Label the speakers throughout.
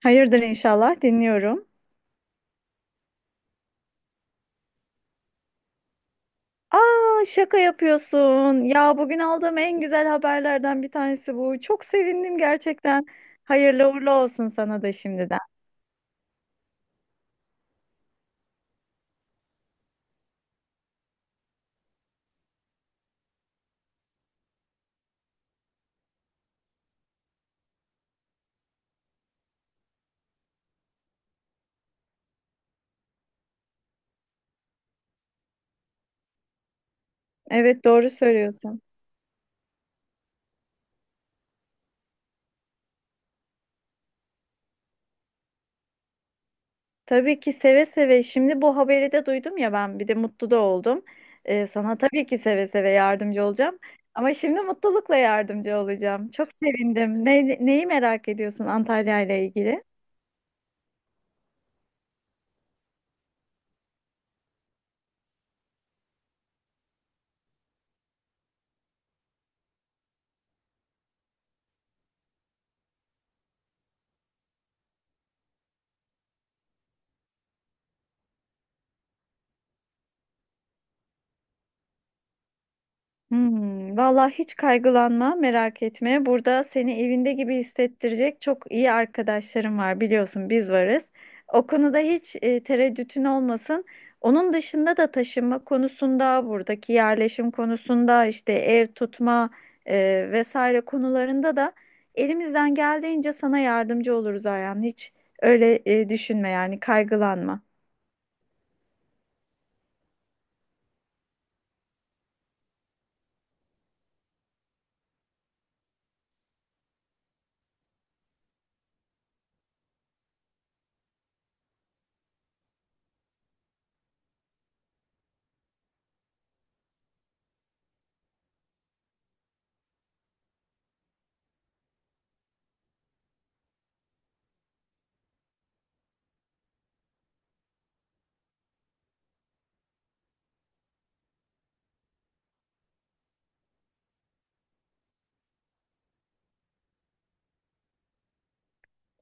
Speaker 1: Hayırdır inşallah dinliyorum. Aa, şaka yapıyorsun. Ya, bugün aldığım en güzel haberlerden bir tanesi bu. Çok sevindim gerçekten. Hayırlı uğurlu olsun sana da şimdiden. Evet, doğru söylüyorsun. Tabii ki, seve seve. Şimdi bu haberi de duydum ya, ben bir de mutlu da oldum. Sana tabii ki seve seve yardımcı olacağım. Ama şimdi mutlulukla yardımcı olacağım. Çok sevindim. Neyi merak ediyorsun Antalya ile ilgili? Vallahi hiç kaygılanma, merak etme. Burada seni evinde gibi hissettirecek çok iyi arkadaşlarım var. Biliyorsun biz varız. O konuda hiç tereddütün olmasın. Onun dışında da taşınma konusunda, buradaki yerleşim konusunda, işte ev tutma vesaire konularında da elimizden geldiğince sana yardımcı oluruz Ayhan. Hiç öyle düşünme, yani kaygılanma.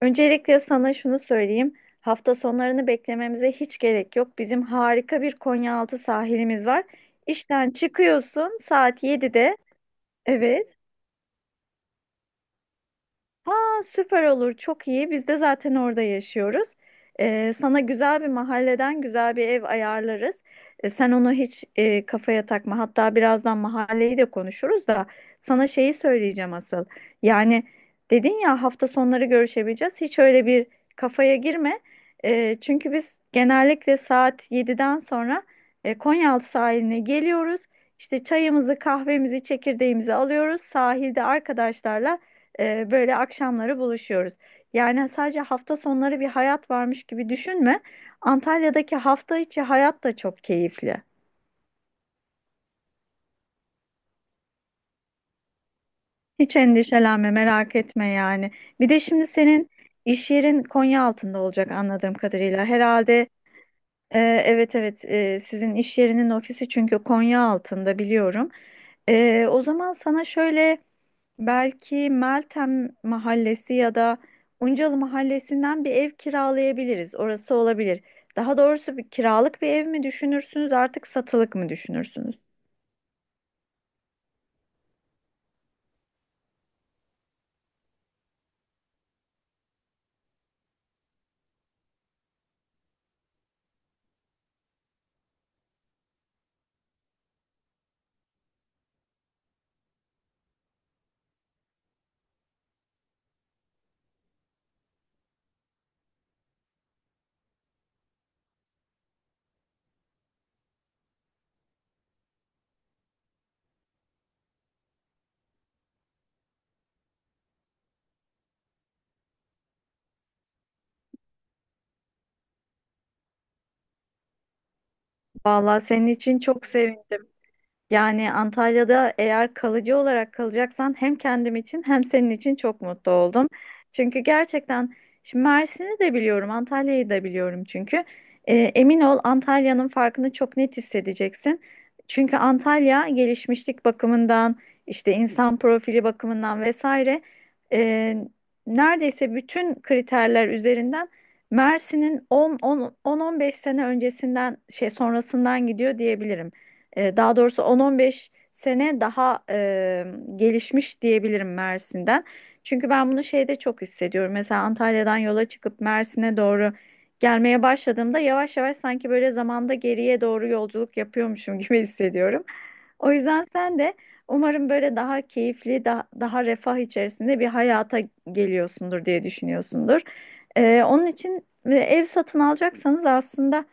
Speaker 1: Öncelikle sana şunu söyleyeyim. Hafta sonlarını beklememize hiç gerek yok. Bizim harika bir Konyaaltı sahilimiz var. İşten çıkıyorsun saat 7'de. Evet. Aa, süper olur, çok iyi. Biz de zaten orada yaşıyoruz. Sana güzel bir mahalleden güzel bir ev ayarlarız. Sen onu hiç kafaya takma. Hatta birazdan mahalleyi de konuşuruz da sana şeyi söyleyeceğim asıl. Yani dedin ya hafta sonları görüşebileceğiz. Hiç öyle bir kafaya girme. Çünkü biz genellikle saat yediden sonra Konyaaltı sahiline geliyoruz. İşte çayımızı, kahvemizi, çekirdeğimizi alıyoruz. Sahilde arkadaşlarla böyle akşamları buluşuyoruz. Yani sadece hafta sonları bir hayat varmış gibi düşünme. Antalya'daki hafta içi hayat da çok keyifli. Hiç endişelenme, merak etme yani. Bir de şimdi senin iş yerin Konya altında olacak anladığım kadarıyla. Herhalde e, evet, sizin iş yerinin ofisi çünkü Konya altında biliyorum. E, o zaman sana şöyle, belki Meltem Mahallesi ya da Uncalı Mahallesi'nden bir ev kiralayabiliriz. Orası olabilir. Daha doğrusu bir kiralık bir ev mi düşünürsünüz, artık satılık mı düşünürsünüz? Vallahi senin için çok sevindim. Yani Antalya'da eğer kalıcı olarak kalacaksan hem kendim için hem senin için çok mutlu oldum. Çünkü gerçekten şimdi Mersin'i de biliyorum, Antalya'yı da biliyorum çünkü. Emin ol Antalya'nın farkını çok net hissedeceksin. Çünkü Antalya gelişmişlik bakımından, işte insan profili bakımından vesaire e, neredeyse bütün kriterler üzerinden Mersin'in 10 10 10-15 sene öncesinden şey sonrasından gidiyor diyebilirim. E, daha doğrusu 10-15 sene daha gelişmiş diyebilirim Mersin'den. Çünkü ben bunu şeyde çok hissediyorum. Mesela Antalya'dan yola çıkıp Mersin'e doğru gelmeye başladığımda yavaş yavaş sanki böyle zamanda geriye doğru yolculuk yapıyormuşum gibi hissediyorum. O yüzden sen de umarım böyle daha keyifli, daha refah içerisinde bir hayata geliyorsundur diye düşünüyorsundur. E, onun için ev satın alacaksanız aslında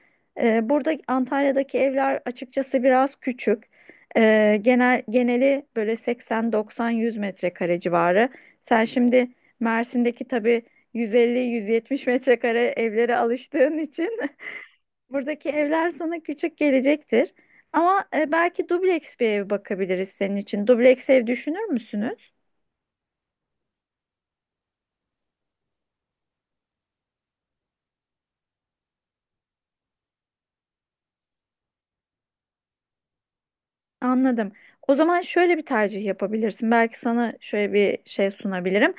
Speaker 1: burada Antalya'daki evler açıkçası biraz küçük. Geneli böyle 80-90-100 metrekare civarı. Sen şimdi Mersin'deki tabii 150-170 metrekare evlere alıştığın için buradaki evler sana küçük gelecektir. Ama belki dubleks bir ev bakabiliriz senin için. Dubleks ev düşünür müsünüz? Anladım. O zaman şöyle bir tercih yapabilirsin. Belki sana şöyle bir şey sunabilirim.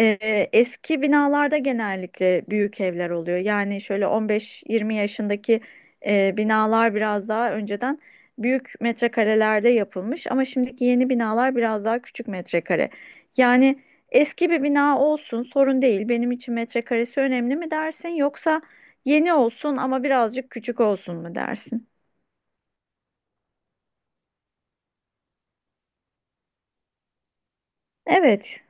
Speaker 1: Eski binalarda genellikle büyük evler oluyor. Yani şöyle 15-20 yaşındaki binalar biraz daha önceden büyük metrekarelerde yapılmış ama şimdiki yeni binalar biraz daha küçük metrekare. Yani eski bir bina olsun sorun değil. Benim için metrekaresi önemli mi dersin yoksa yeni olsun ama birazcık küçük olsun mu dersin? Evet,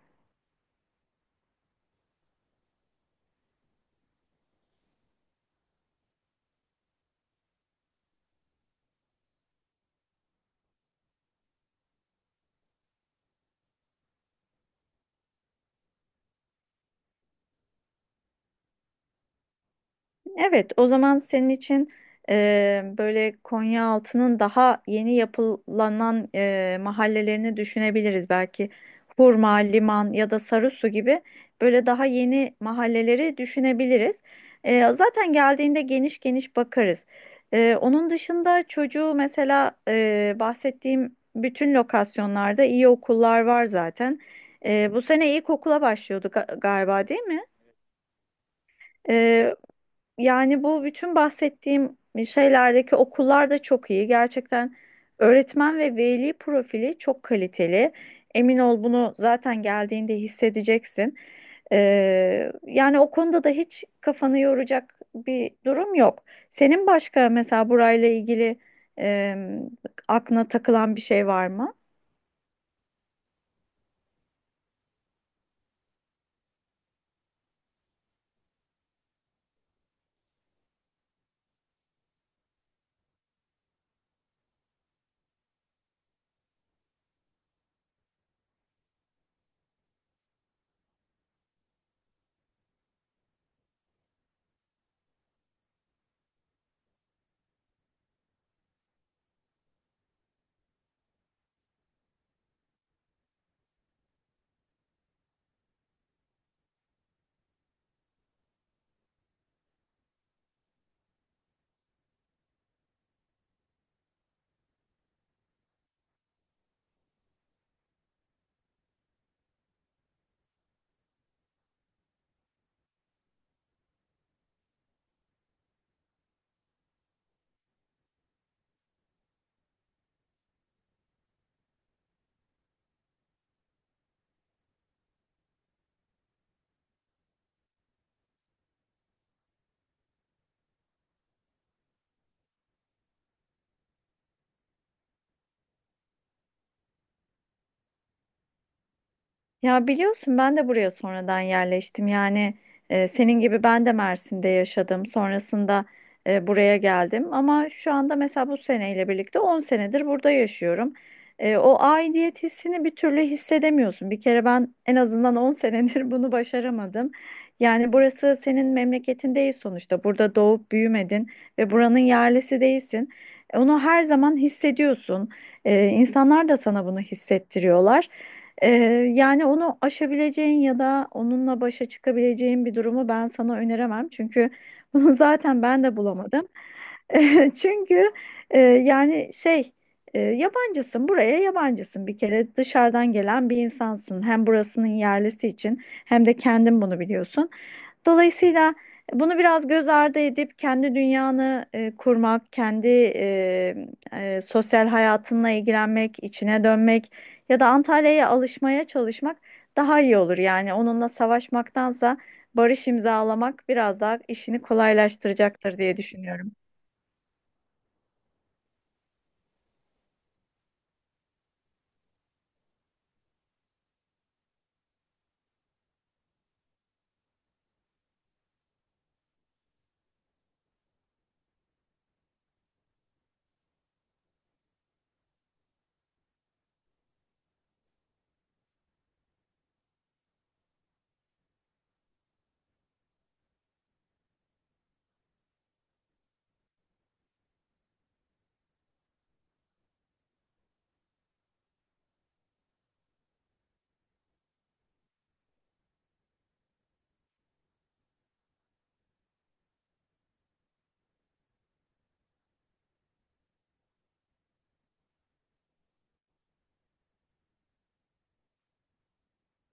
Speaker 1: evet, o zaman senin için böyle Konyaaltı'nın daha yeni yapılanan mahallelerini düşünebiliriz. Belki Hurma, Liman ya da Sarısu gibi böyle daha yeni mahalleleri düşünebiliriz. E, zaten geldiğinde geniş geniş bakarız. E, onun dışında çocuğu mesela bahsettiğim bütün lokasyonlarda iyi okullar var zaten. E, bu sene ilkokula başlıyorduk, galiba değil mi? Yani bu bütün bahsettiğim şeylerdeki okullar da çok iyi. Gerçekten öğretmen ve veli profili çok kaliteli. Emin ol, bunu zaten geldiğinde hissedeceksin. Yani o konuda da hiç kafanı yoracak bir durum yok. Senin başka mesela burayla ilgili e, aklına takılan bir şey var mı? Ya, biliyorsun ben de buraya sonradan yerleştim. Yani senin gibi ben de Mersin'de yaşadım. Sonrasında buraya geldim. Ama şu anda mesela bu seneyle birlikte 10 senedir burada yaşıyorum. E, o aidiyet hissini bir türlü hissedemiyorsun. Bir kere ben en azından 10 senedir bunu başaramadım. Yani burası senin memleketin değil sonuçta. Burada doğup büyümedin ve buranın yerlisi değilsin. E, onu her zaman hissediyorsun. E, insanlar da sana bunu hissettiriyorlar. Ee, Yani onu aşabileceğin ya da onunla başa çıkabileceğin bir durumu ben sana öneremem. Çünkü bunu zaten ben de bulamadım. Çünkü e, yani şey yabancısın, buraya yabancısın, bir kere dışarıdan gelen bir insansın. Hem burasının yerlisi için hem de kendin bunu biliyorsun. Dolayısıyla bunu biraz göz ardı edip kendi dünyanı kurmak, kendi e, sosyal hayatınla ilgilenmek, içine dönmek ya da Antalya'ya alışmaya çalışmak daha iyi olur. Yani onunla savaşmaktansa barış imzalamak biraz daha işini kolaylaştıracaktır diye düşünüyorum.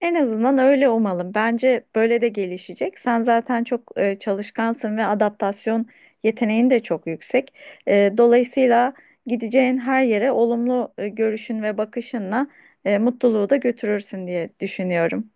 Speaker 1: En azından öyle umalım. Bence böyle de gelişecek. Sen zaten çok çalışkansın ve adaptasyon yeteneğin de çok yüksek. E, dolayısıyla gideceğin her yere olumlu görüşün ve bakışınla mutluluğu da götürürsün diye düşünüyorum.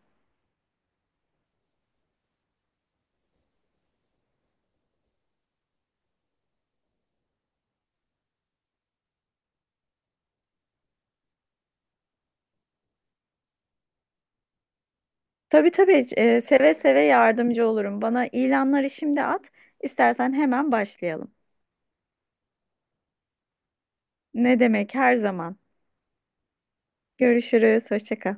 Speaker 1: Tabii tabii, seve seve yardımcı olurum. Bana ilanları şimdi at. İstersen hemen başlayalım. Ne demek, her zaman. Görüşürüz. Hoşça kal.